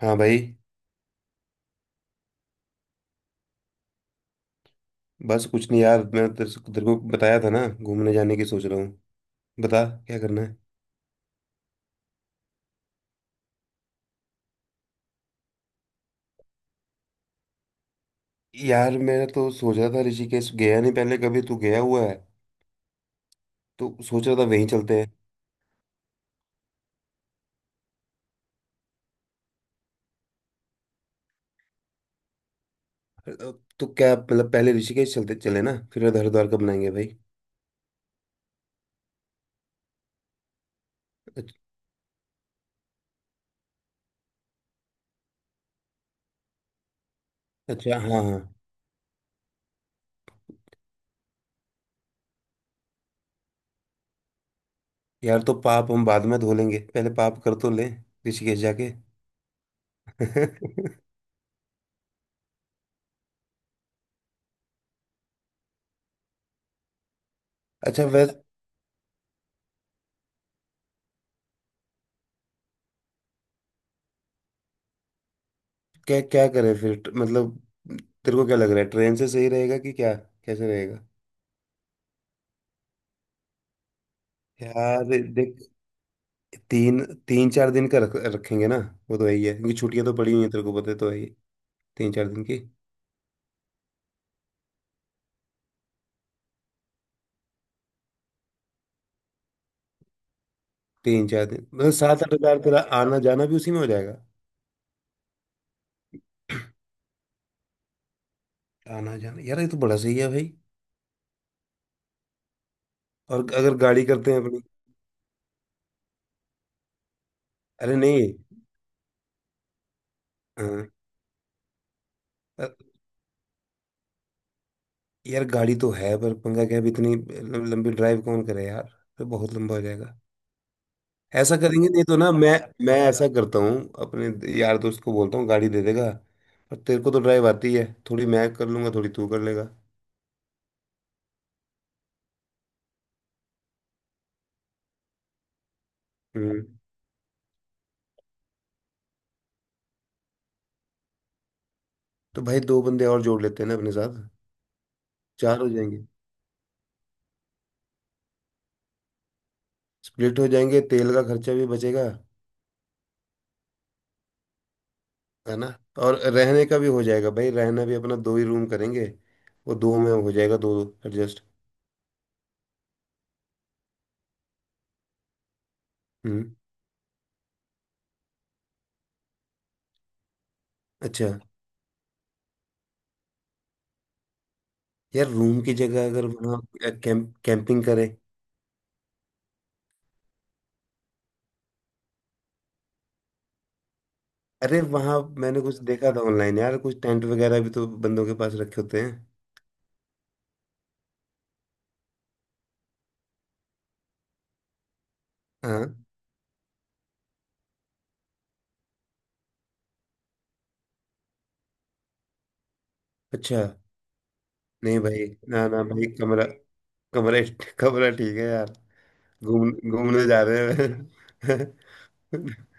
हाँ भाई। बस कुछ नहीं यार, मैं तेरे से तेरे को बताया था ना, घूमने जाने की सोच रहा हूँ। बता क्या करना है। यार मैं तो सोच रहा था, ऋषिकेश गया नहीं पहले कभी। तू गया हुआ है? तो सोच रहा था वहीं चलते हैं। अ, तो क्या मतलब पहले ऋषिकेश चलते चले ना, फिर हरिद्वार का बनाएंगे भाई। अच्छ- अच्छा हाँ हाँ। यार तो पाप हम बाद में धो लेंगे, पहले पाप कर तो लें, ऋषिकेश जाके। अच्छा वैसे। क्या क्या करें फिर? मतलब तेरे को क्या लग रहा है, ट्रेन से सही रहेगा कि क्या? कैसे रहेगा? यार देख, तीन तीन चार दिन का रख रखेंगे ना। वो तो यही है, क्योंकि छुट्टियां तो पड़ी हुई हैं, तेरे को पता है, तो है ही। तीन चार दिन की। 3 4 दिन मतलब 7 8 हज़ार? तेरा आना जाना भी उसी में हो जाएगा? आना जाना यार, ये तो बड़ा सही है भाई। और अगर गाड़ी करते हैं अपनी? अरे नहीं। हाँ। अ- यार गाड़ी तो है, पर पंगा क्या है, अब इतनी लंबी ड्राइव कौन करे यार। तो बहुत लंबा हो जाएगा। ऐसा करेंगे, नहीं तो ना मैं ऐसा करता हूँ। अपने यार दोस्त को बोलता हूँ, गाड़ी दे देगा। और तेरे को तो ड्राइव आती है, थोड़ी मैं कर लूंगा, थोड़ी तू कर लेगा। हम्म। तो भाई दो बंदे और जोड़ लेते हैं ना अपने साथ। 4 हो जाएंगे। स्प्लिट हो जाएंगे, तेल का खर्चा भी बचेगा, है ना? और रहने का भी हो जाएगा भाई। रहना भी अपना 2 ही रूम करेंगे, वो 2 में हो जाएगा, 2 2 एडजस्ट। हम्म। अच्छा यार, रूम की जगह अगर वहाँ कैंपिंग करें? अरे वहाँ मैंने कुछ देखा था ऑनलाइन यार, कुछ टेंट वगैरह भी तो बंदों के पास रखे होते हैं। हाँ। अच्छा। नहीं भाई, ना ना भाई, कमरा कमरा कमरा ठीक है यार। घूम घूमने जा रहे हैं।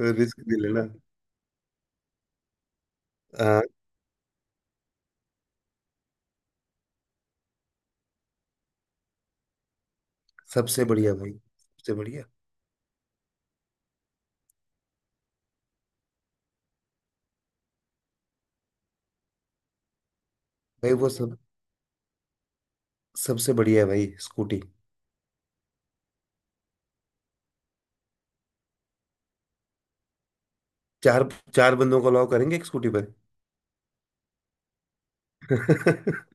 रिस्क भी लेना। हाँ सबसे बढ़िया भाई, सबसे बढ़िया। भाई वो सब सबसे बढ़िया है भाई, स्कूटी। चार, चार बंदों को अलाउ करेंगे एक स्कूटी पर?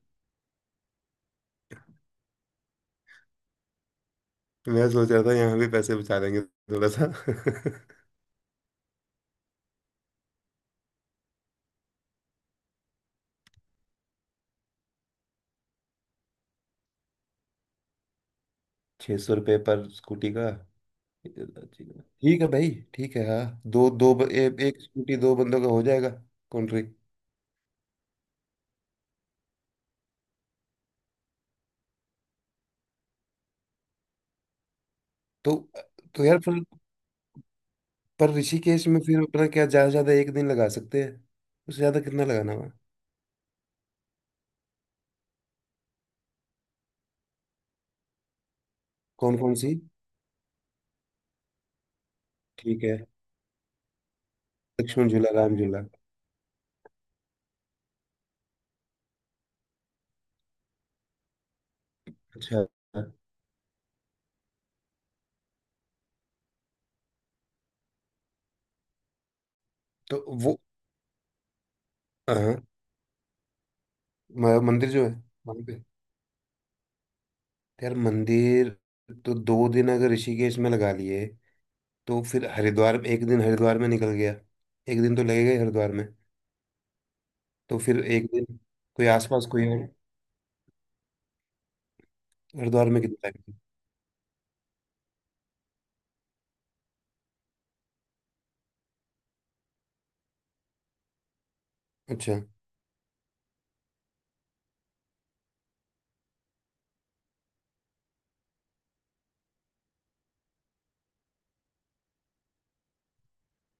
मैं सोच रहा था यहाँ भी पैसे बचा लेंगे थोड़ा सा। ₹600 पर स्कूटी का? ठीक है भाई ठीक है। हाँ 2 2 एक स्कूटी 2 बंदों का हो जाएगा। कॉन्ट्री। तो तो यार फिर, पर ऋषिकेश में फिर अपना क्या, ज़्यादा से ज़्यादा 1 दिन लगा सकते हैं। उससे ज़्यादा कितना लगाना हुआ? कौन कौन सी? ठीक है। लक्ष्मण झूला, राम झूला। अच्छा। तो वो, हाँ। मंदिर जो है वहाँ पे। तो यार मंदिर, तो दो दिन अगर ऋषिकेश में लगा लिए, तो फिर हरिद्वार में 1 दिन, हरिद्वार में निकल गया। एक दिन तो लगेगा ही हरिद्वार में। तो फिर 1 दिन कोई आसपास कोई है? हरिद्वार में कितना time? अच्छा।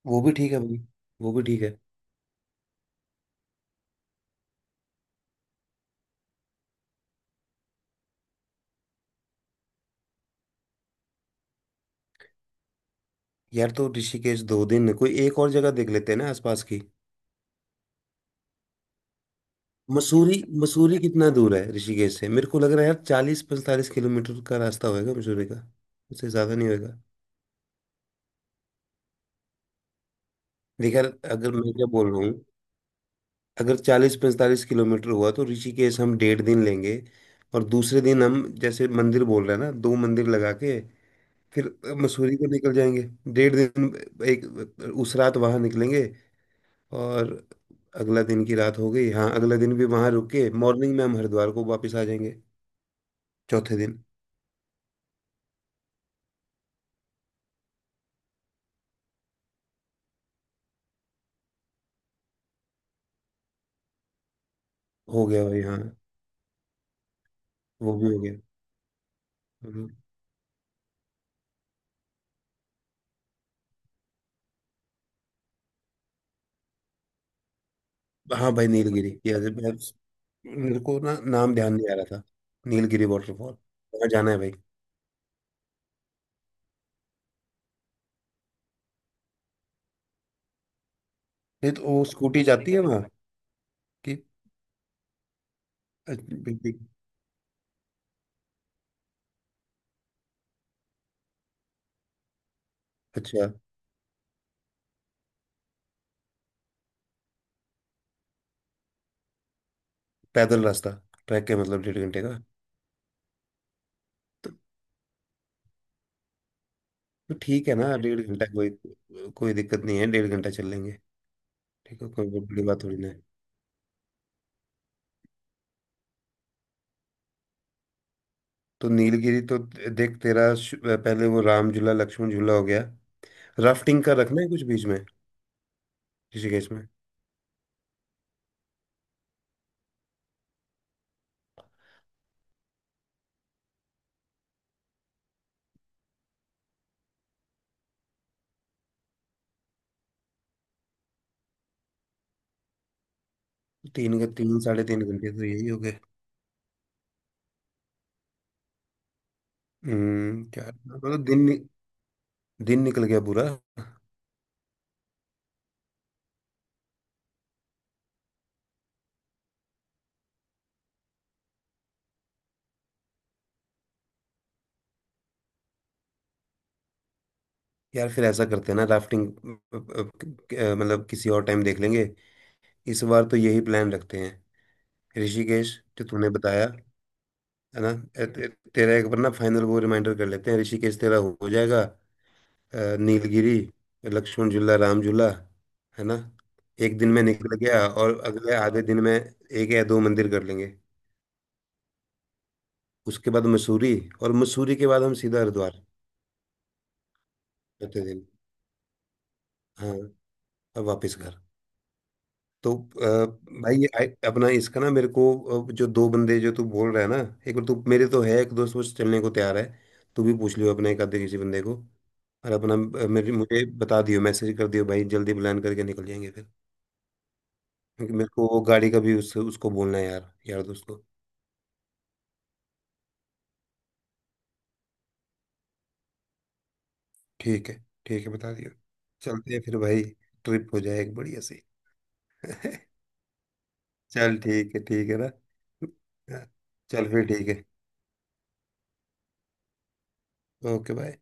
वो भी ठीक है भाई, वो भी ठीक है। यार तो ऋषिकेश 2 दिन, कोई एक और जगह देख लेते हैं ना आसपास की। मसूरी। मसूरी कितना दूर है ऋषिकेश से? मेरे को लग रहा है यार 40 45 किलोमीटर का रास्ता होएगा मसूरी का, उससे ज्यादा नहीं होएगा। देख यार, अगर, मैं क्या बोल रहा हूँ, अगर 40 45 किलोमीटर हुआ, तो ऋषिकेश हम 1.5 दिन लेंगे। और दूसरे दिन हम जैसे मंदिर बोल रहे हैं ना, 2 मंदिर लगा के फिर मसूरी को निकल जाएंगे। डेढ़ दिन, एक, उस रात वहां निकलेंगे। और अगला दिन की रात हो गई, हाँ अगला दिन भी वहां रुक के, मॉर्निंग में हम हरिद्वार को वापस आ जाएंगे। चौथे दिन। हो गया भाई हाँ। वो भी हो गया। हम्म। हाँ भाई नीलगिरी, यस। मेरे को ना नाम ध्यान नहीं आ रहा था। नीलगिरी वाटरफॉल। वहाँ जाना है भाई। नहीं तो वो स्कूटी जाती है वहाँ कि? अच्छा। पैदल रास्ता? ट्रैक है मतलब 1.5 घंटे का? तो ठीक है ना, 1.5 घंटा कोई कोई दिक्कत नहीं है, 1.5 घंटा चल लेंगे। ठीक है, कोई बहुत बड़ी बात थोड़ी ना है। तो नीलगिरी तो, देख तेरा पहले वो राम झूला लक्ष्मण झूला हो गया। राफ्टिंग का रखना है कुछ बीच में किसी केस में? तीन तीन साढ़े तीन घंटे तो यही हो गए। हम्म, क्या? मतलब दिन, दिन निकल गया पूरा। यार फिर ऐसा करते हैं ना, राफ्टिंग मतलब किसी और टाइम देख लेंगे, इस बार तो यही प्लान रखते हैं। ऋषिकेश जो तूने बताया है ना, ए- ते- तेरा एक बार ना फाइनल वो रिमाइंडर कर लेते हैं। ऋषिकेश तेरा हो जाएगा। नीलगिरी, लक्ष्मण झूला, राम झूला, है ना, 1 दिन में निकल गया। और अगले आधे दिन में 1 या 2 मंदिर कर लेंगे। उसके बाद मसूरी, और मसूरी के बाद हम सीधा हरिद्वार। चौथे दिन, हाँ, अब वापस घर। तो भाई ये अपना इसका ना मेरे को, जो 2 बंदे जो तू बोल रहा है ना, एक बार, तू मेरे तो है एक दोस्त वो चलने को तैयार है, तू भी पूछ लियो अपने एक आधे किसी बंदे को। और अपना मेरे मुझे बता दियो, मैसेज कर दियो भाई, जल्दी प्लान करके निकल जाएंगे फिर। क्योंकि मेरे को वो गाड़ी का भी उसको बोलना है यार, यार दोस्त को। ठीक है, ठीक है, बता दियो। चलते हैं फिर भाई, ट्रिप हो जाए एक बढ़िया सी। चल ठीक है, ठीक है ना। चल फिर ठीक है। Okay bye.